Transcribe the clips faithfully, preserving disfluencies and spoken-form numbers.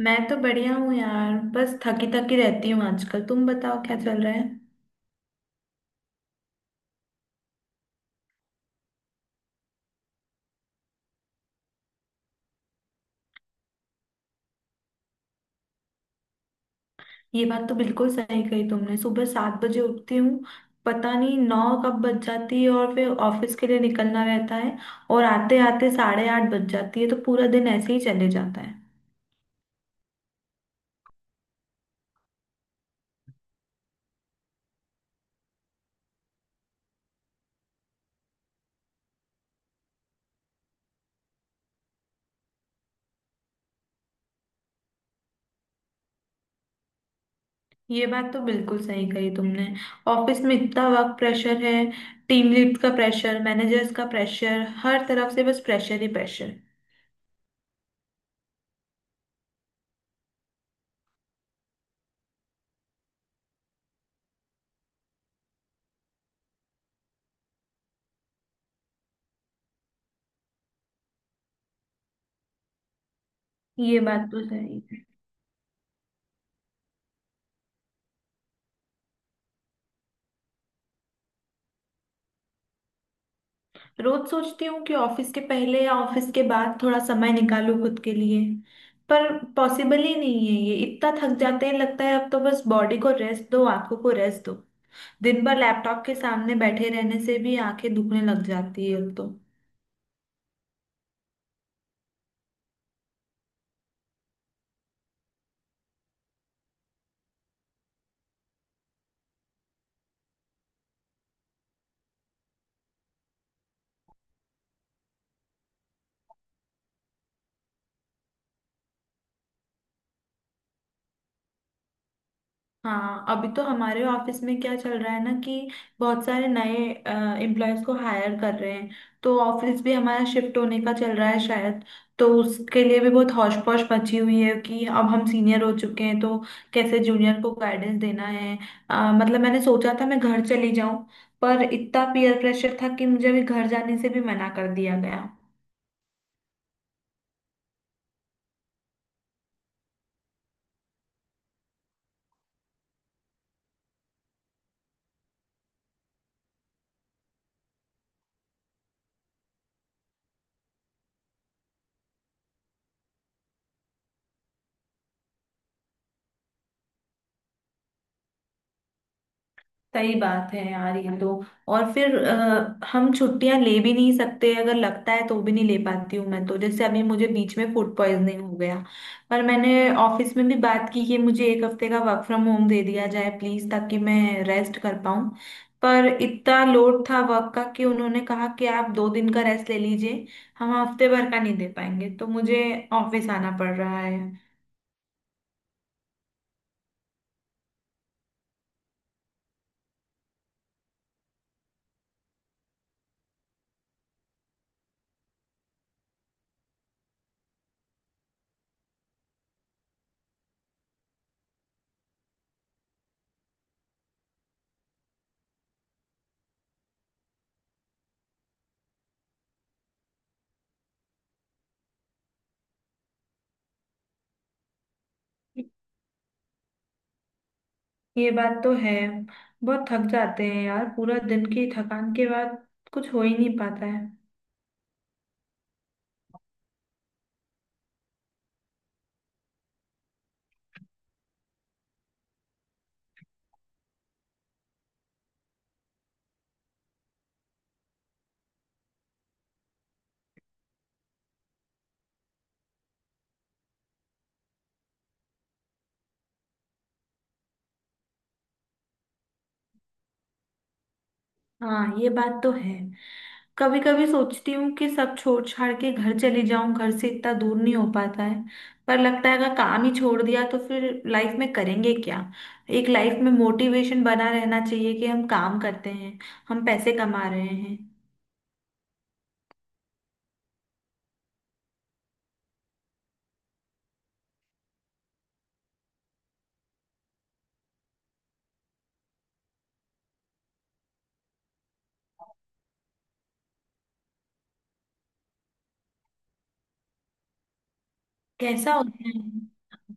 मैं तो बढ़िया हूँ यार। बस थकी थकी रहती हूँ आजकल। तुम बताओ क्या चल रहा है। ये बात तो बिल्कुल सही कही तुमने। सुबह सात बजे उठती हूँ। पता नहीं नौ कब बज जाती है और फिर ऑफिस के लिए निकलना रहता है। और आते आते साढ़े आठ बज जाती है, तो पूरा दिन ऐसे ही चले जाता है। ये बात तो बिल्कुल सही कही तुमने। ऑफिस में इतना वर्क प्रेशर है। टीम लीड का प्रेशर, मैनेजर्स का प्रेशर, हर तरफ से बस प्रेशर ही प्रेशर। ये बात तो सही। रोज सोचती हूँ कि ऑफिस के पहले या ऑफिस के बाद थोड़ा समय निकालूं खुद के लिए, पर पॉसिबल ही नहीं है ये। इतना थक जाते हैं, लगता है अब तो बस बॉडी को रेस्ट दो, आंखों को रेस्ट दो। दिन भर लैपटॉप के सामने बैठे रहने से भी आंखें दुखने लग जाती है अब तो। हाँ। अभी तो हमारे ऑफिस में क्या चल रहा है ना कि बहुत सारे नए एम्प्लॉयज को हायर कर रहे हैं। तो ऑफिस भी हमारा शिफ्ट होने का चल रहा है शायद। तो उसके लिए भी बहुत हौश पौश मची हुई है कि अब हम सीनियर हो चुके हैं, तो कैसे जूनियर को गाइडेंस देना है। अ, मतलब मैंने सोचा था मैं घर चली जाऊं, पर इतना पीयर प्रेशर था कि मुझे अभी घर जाने से भी मना कर दिया गया। सही बात है यार ये तो। और फिर अ, हम छुट्टियां ले भी नहीं सकते। अगर लगता है तो भी नहीं ले पाती हूँ मैं। तो जैसे अभी मुझे बीच में फूड पॉइजनिंग हो गया, पर मैंने ऑफिस में भी बात की कि मुझे एक हफ्ते का वर्क फ्रॉम होम दे दिया जाए प्लीज, ताकि मैं रेस्ट कर पाऊँ। पर इतना लोड था वर्क का कि उन्होंने कहा कि आप दो दिन का रेस्ट ले लीजिए, हम हफ्ते भर का नहीं दे पाएंगे। तो मुझे ऑफिस आना पड़ रहा है। ये बात तो है। बहुत थक जाते हैं यार, पूरा दिन की थकान के बाद कुछ हो ही नहीं पाता है। हाँ ये बात तो है। कभी कभी सोचती हूँ कि सब छोड़ छाड़ के घर चली जाऊं, घर से इतना दूर नहीं हो पाता है। पर लगता है अगर काम ही छोड़ दिया तो फिर लाइफ में करेंगे क्या। एक लाइफ में मोटिवेशन बना रहना चाहिए कि हम काम करते हैं, हम पैसे कमा रहे हैं। कैसा होता है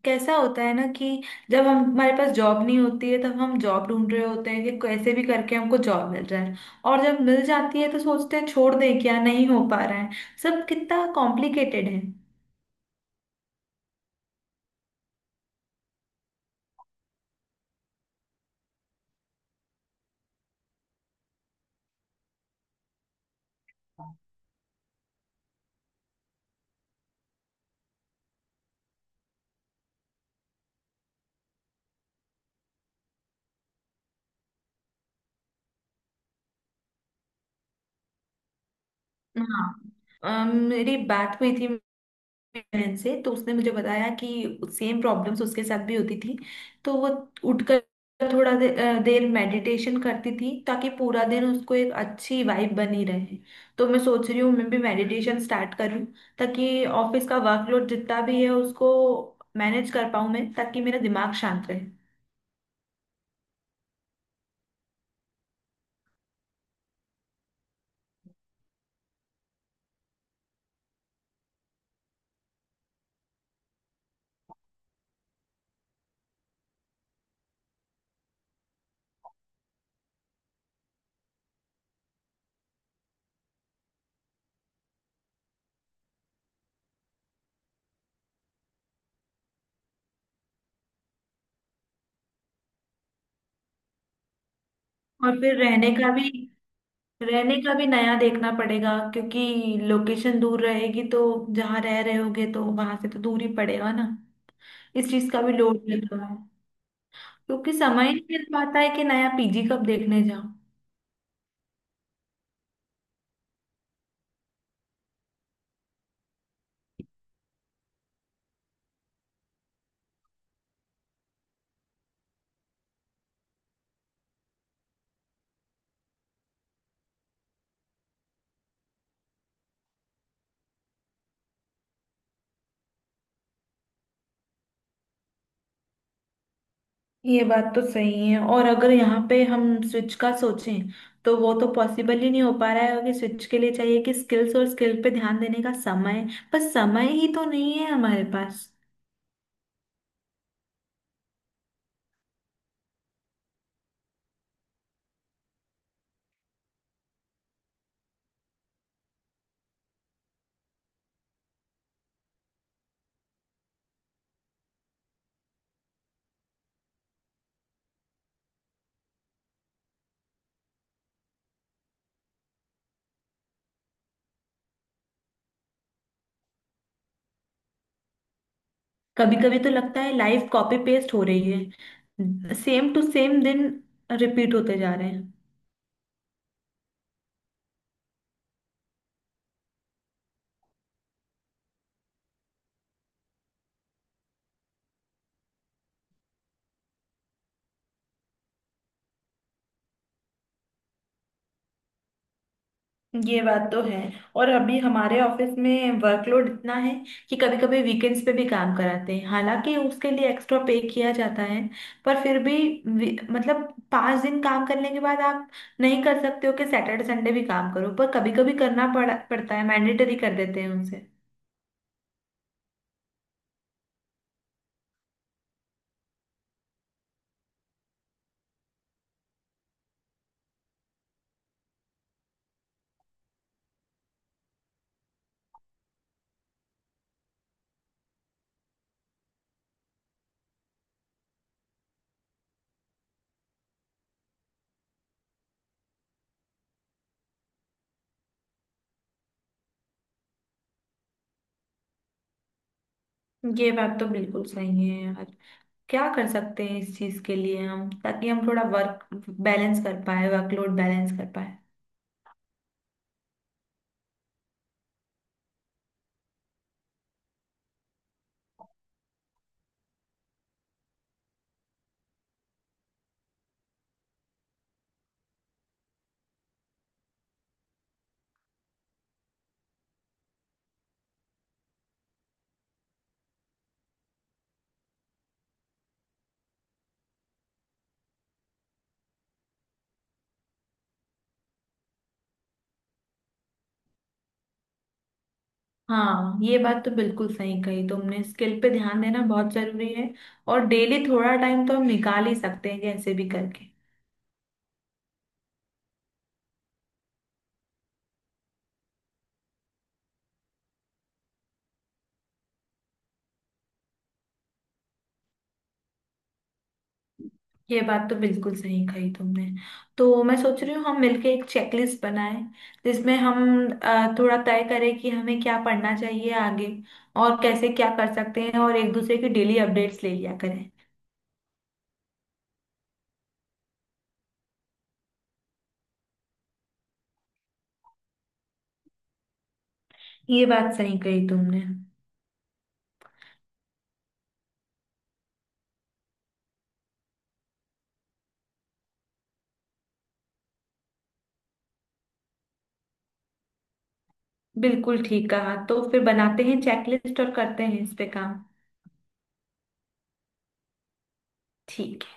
कैसा होता है ना कि जब हम, हमारे पास जॉब नहीं होती है, तब हम जॉब ढूंढ रहे होते हैं कि कैसे भी करके हमको जॉब मिल जाए। और जब मिल जाती है तो सोचते हैं छोड़ दें क्या, नहीं हो पा रहा है। सब कितना कॉम्प्लिकेटेड है। हाँ। अम, मेरी बात हुई थी बहन से, तो उसने मुझे बताया कि सेम प्रॉब्लम्स उसके साथ भी होती थी। तो वो उठकर थोड़ा दे, अ, देर मेडिटेशन करती थी, ताकि पूरा दिन उसको एक अच्छी वाइब बनी रहे। तो मैं सोच रही हूँ मैं भी मेडिटेशन स्टार्ट करूँ, ताकि ऑफिस का वर्कलोड जितना भी है उसको मैनेज कर पाऊँ मैं, ताकि मेरा दिमाग शांत रहे। और फिर रहने का भी, रहने का भी नया देखना पड़ेगा, क्योंकि लोकेशन दूर रहेगी, तो जहाँ रह रहे होगे तो वहां से तो दूर ही पड़ेगा ना। इस चीज का भी लोड लगेगा, क्योंकि समय नहीं मिल पाता है कि नया पीजी कब देखने जाऊं। ये बात तो सही है। और अगर यहाँ पे हम स्विच का सोचें तो वो तो पॉसिबल ही नहीं हो पा रहा है, क्योंकि स्विच के लिए चाहिए कि स्किल्स और स्किल पे ध्यान देने का समय, पर समय ही तो नहीं है हमारे पास। कभी कभी तो लगता है लाइफ कॉपी पेस्ट हो रही है, सेम टू सेम दिन रिपीट होते जा रहे हैं। ये बात तो है। और अभी हमारे ऑफिस में वर्कलोड इतना है कि कभी कभी वीकेंड्स पे भी काम कराते हैं, हालांकि उसके लिए एक्स्ट्रा पे किया जाता है। पर फिर भी वी- मतलब पांच दिन काम करने के बाद आप नहीं कर सकते हो कि सैटरडे संडे भी काम करो, पर कभी कभी करना पड़ पड़ता है। मैंडेटरी कर देते हैं उनसे। ये बात तो बिल्कुल सही है यार। क्या कर सकते हैं इस चीज के लिए हम, ताकि हम थोड़ा वर्क बैलेंस कर पाए, वर्कलोड बैलेंस कर पाए। हाँ ये बात तो बिल्कुल सही कही तुमने। स्किल पे ध्यान देना बहुत जरूरी है। और डेली थोड़ा टाइम तो हम निकाल ही सकते हैं कैसे भी करके। ये बात तो बिल्कुल सही कही तुमने। तो मैं सोच रही हूँ हम मिलके एक चेकलिस्ट बनाएं जिसमें हम अ, थोड़ा तय करें कि हमें क्या पढ़ना चाहिए आगे, और कैसे क्या कर सकते हैं, और एक दूसरे की डेली अपडेट्स ले लिया करें। ये बात सही कही तुमने। बिल्कुल ठीक कहा। तो फिर बनाते हैं चेकलिस्ट और करते हैं इस पे काम। ठीक है।